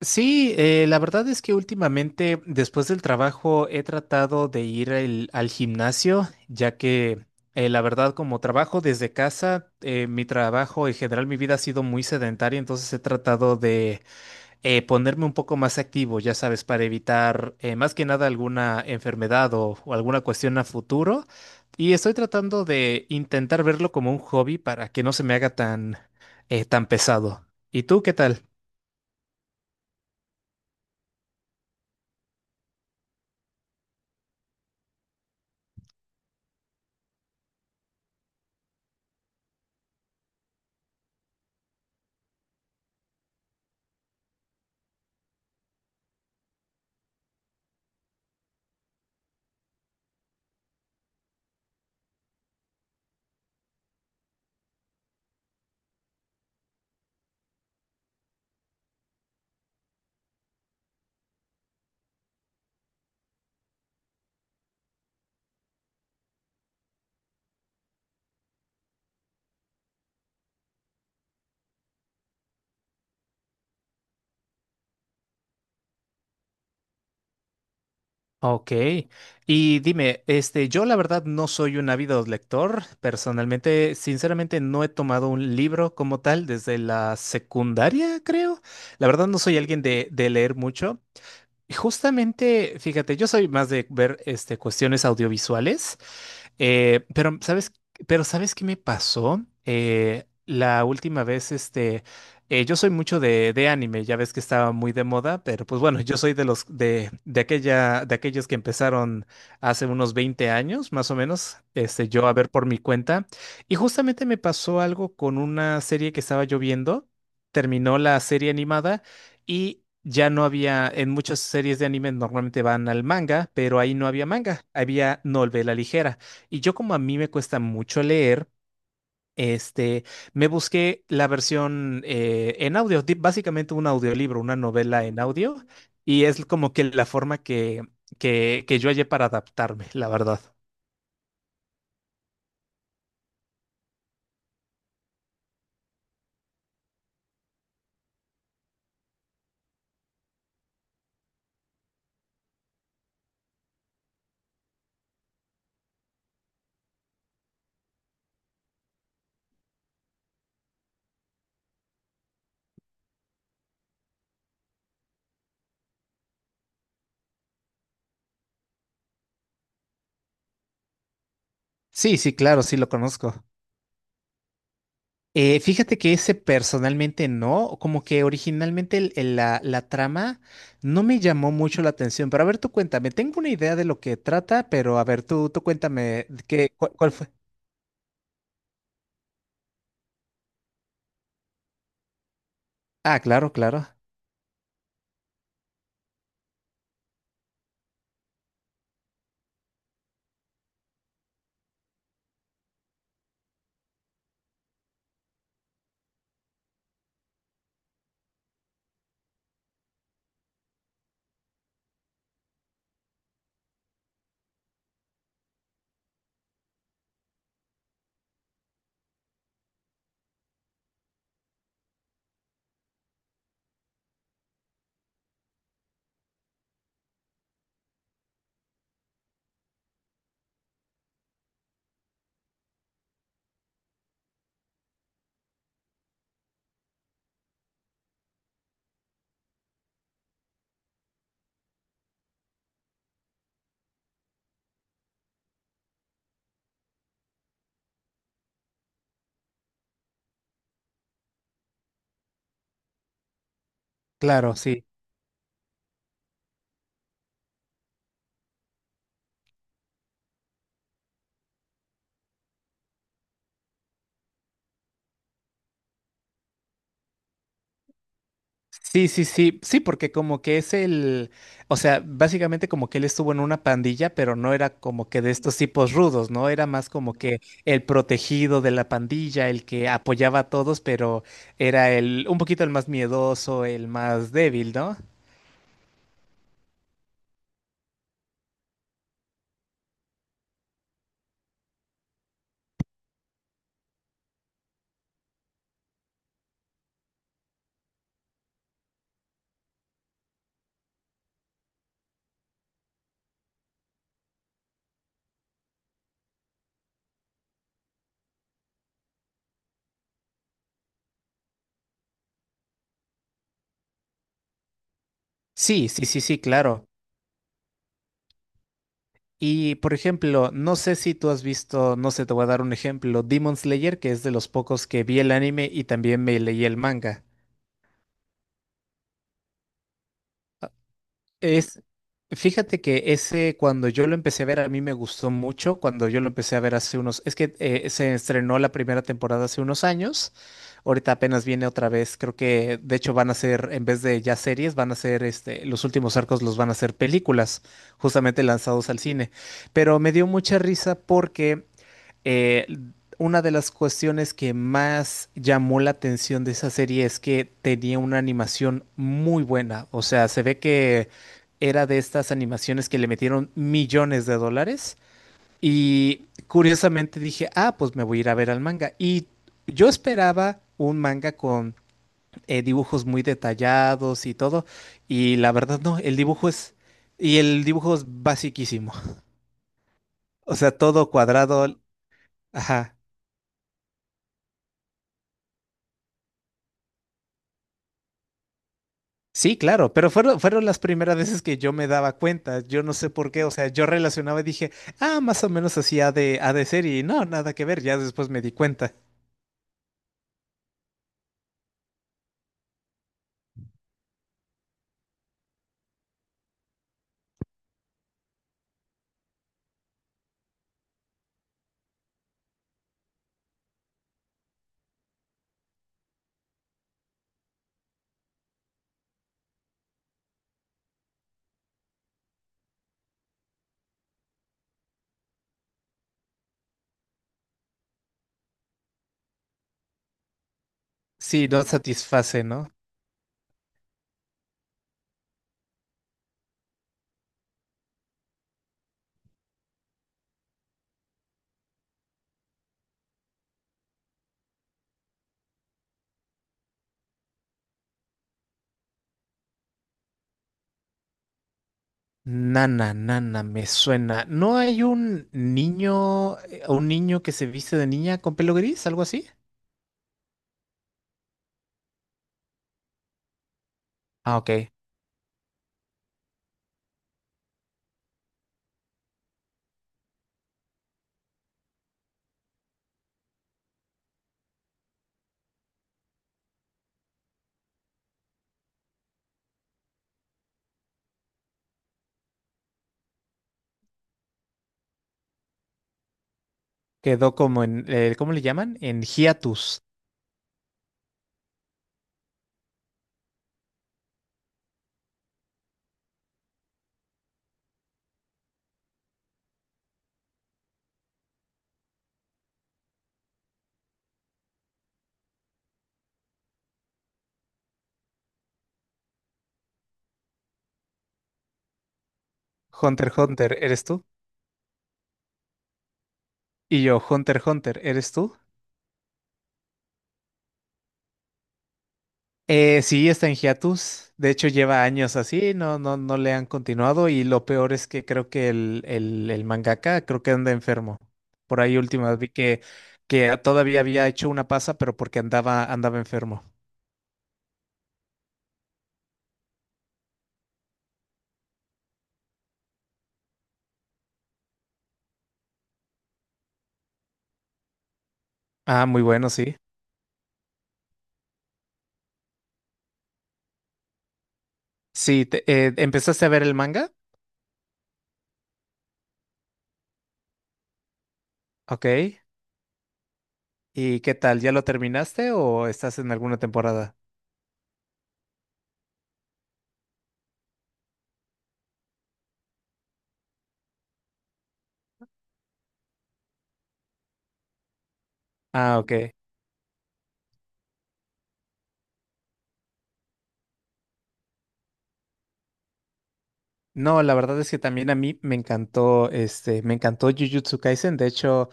Sí, la verdad es que últimamente después del trabajo he tratado de ir al gimnasio, ya que la verdad como trabajo desde casa, mi trabajo en general, mi vida ha sido muy sedentaria, entonces he tratado de ponerme un poco más activo, ya sabes, para evitar más que nada alguna enfermedad o alguna cuestión a futuro. Y estoy tratando de intentar verlo como un hobby para que no se me haga tan, tan pesado. ¿Y tú qué tal? Ok, y dime, este, yo la verdad no soy un ávido lector, personalmente, sinceramente no he tomado un libro como tal desde la secundaria, creo. La verdad no soy alguien de leer mucho. Justamente, fíjate, yo soy más de ver este, cuestiones audiovisuales, eh, pero ¿sabes, pero ¿sabes qué me pasó? La última vez, este, yo soy mucho de anime, ya ves que estaba muy de moda, pero pues bueno, yo soy de los de aquella, de aquellos que empezaron hace unos 20 años, más o menos, este, yo a ver por mi cuenta. Y justamente me pasó algo con una serie que estaba yo viendo. Terminó la serie animada y ya no había, en muchas series de anime normalmente van al manga, pero ahí no había manga, había novela ligera. Y yo como a mí me cuesta mucho leer, este, me busqué la versión en audio, básicamente un audiolibro, una novela en audio, y es como que la forma que yo hallé para adaptarme, la verdad. Sí, sí, claro, sí lo conozco. Fíjate que ese personalmente no, como que originalmente la trama no me llamó mucho la atención, pero a ver, tú cuéntame, tengo una idea de lo que trata, pero a ver, tú cuéntame, ¿qué, cuál, cuál fue? Ah, claro, claro, claro, sí. Sí, sí, sí, sí, porque como que es el, o sea, básicamente como que él estuvo en una pandilla, pero no era como que de estos tipos rudos, ¿no? Era más como que el protegido de la pandilla, el que apoyaba a todos, pero era el, un poquito el más miedoso, el más débil, ¿no? Sí, sí, sí, sí, claro. Y por ejemplo, no sé si tú has visto, no sé, te voy a dar un ejemplo, Demon Slayer, que es de los pocos que vi el anime y también me leí el manga. Es, fíjate que ese cuando yo lo empecé a ver a mí me gustó mucho, cuando yo lo empecé a ver hace unos, es que se estrenó la primera temporada hace unos años, ahorita apenas viene otra vez, creo que de hecho van a ser, en vez de ya series, van a ser, este, los últimos arcos los van a ser películas, justamente lanzados al cine, pero me dio mucha risa porque eh, una de las cuestiones que más llamó la atención de esa serie es que tenía una animación muy buena. O sea, se ve que era de estas animaciones que le metieron millones de dólares. Y curiosamente dije, ah, pues me voy a ir a ver al manga. Y yo esperaba un manga con dibujos muy detallados y todo. Y la verdad no, el dibujo es... Y el dibujo es basiquísimo. O sea, todo cuadrado. Ajá. Sí, claro, pero fueron las primeras veces que yo me daba cuenta. Yo no sé por qué, o sea, yo relacionaba y dije, ah, más o menos así ha de ser y no, nada que ver, ya después me di cuenta. Sí, no satisface, ¿no? Nana, nana, me suena. ¿No hay un niño que se viste de niña con pelo gris, algo así? Ah, ok. Quedó como en, ¿cómo le llaman? En hiatus. Hunter, Hunter, ¿eres tú? Y yo, Hunter, Hunter, ¿eres tú? Sí, está en hiatus. De hecho, lleva años así, no, no, no le han continuado. Y lo peor es que creo que el mangaka creo que anda enfermo. Por ahí últimas vi que todavía había hecho una pasa, pero porque andaba enfermo. Ah, muy bueno, sí. Sí, ¿empezaste a ver el manga? Ok. ¿Y qué tal? ¿Ya lo terminaste o estás en alguna temporada? Ah, ok. No, la verdad es que también a mí me encantó, este, me encantó Jujutsu Kaisen. De hecho,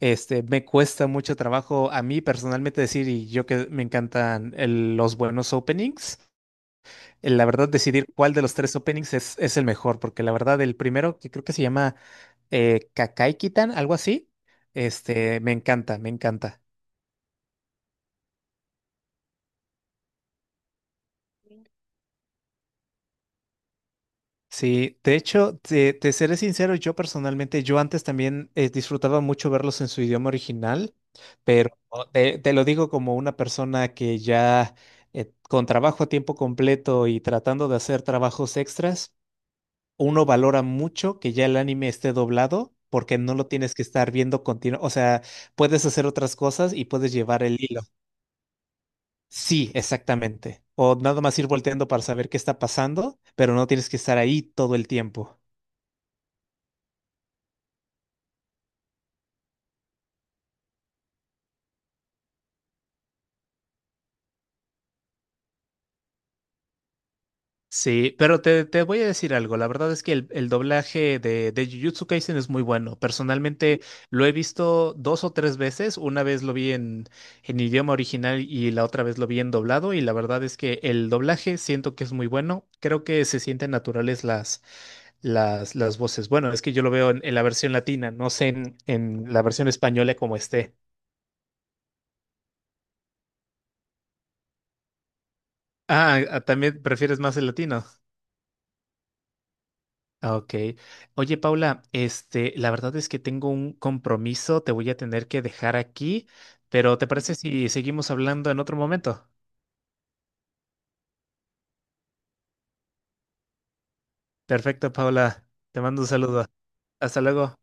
este, me cuesta mucho trabajo a mí personalmente decir, y yo que me encantan los buenos openings, la verdad decidir cuál de los tres openings es el mejor, porque la verdad el primero, que creo que se llama Kakai Kitan, algo así, este, me encanta, me encanta. Sí, de hecho, te seré sincero, yo personalmente, yo antes también disfrutaba mucho verlos en su idioma original, pero oh, te lo digo como una persona que ya con trabajo a tiempo completo y tratando de hacer trabajos extras, uno valora mucho que ya el anime esté doblado porque no lo tienes que estar viendo continuo, o sea, puedes hacer otras cosas y puedes llevar el hilo. Sí, exactamente. O nada más ir volteando para saber qué está pasando, pero no tienes que estar ahí todo el tiempo. Sí, pero te voy a decir algo. La verdad es que el doblaje de Jujutsu Kaisen es muy bueno. Personalmente lo he visto dos o tres veces. Una vez lo vi en idioma original y la otra vez lo vi en doblado. Y la verdad es que el doblaje siento que es muy bueno. Creo que se sienten naturales las voces. Bueno, es que yo lo veo en la versión latina, no sé en la versión española como esté. Ah, ah, también prefieres más el latino. Ah, ok. Oye, Paula, este, la verdad es que tengo un compromiso, te voy a tener que dejar aquí, pero ¿te parece si seguimos hablando en otro momento? Perfecto, Paula. Te mando un saludo. Hasta luego.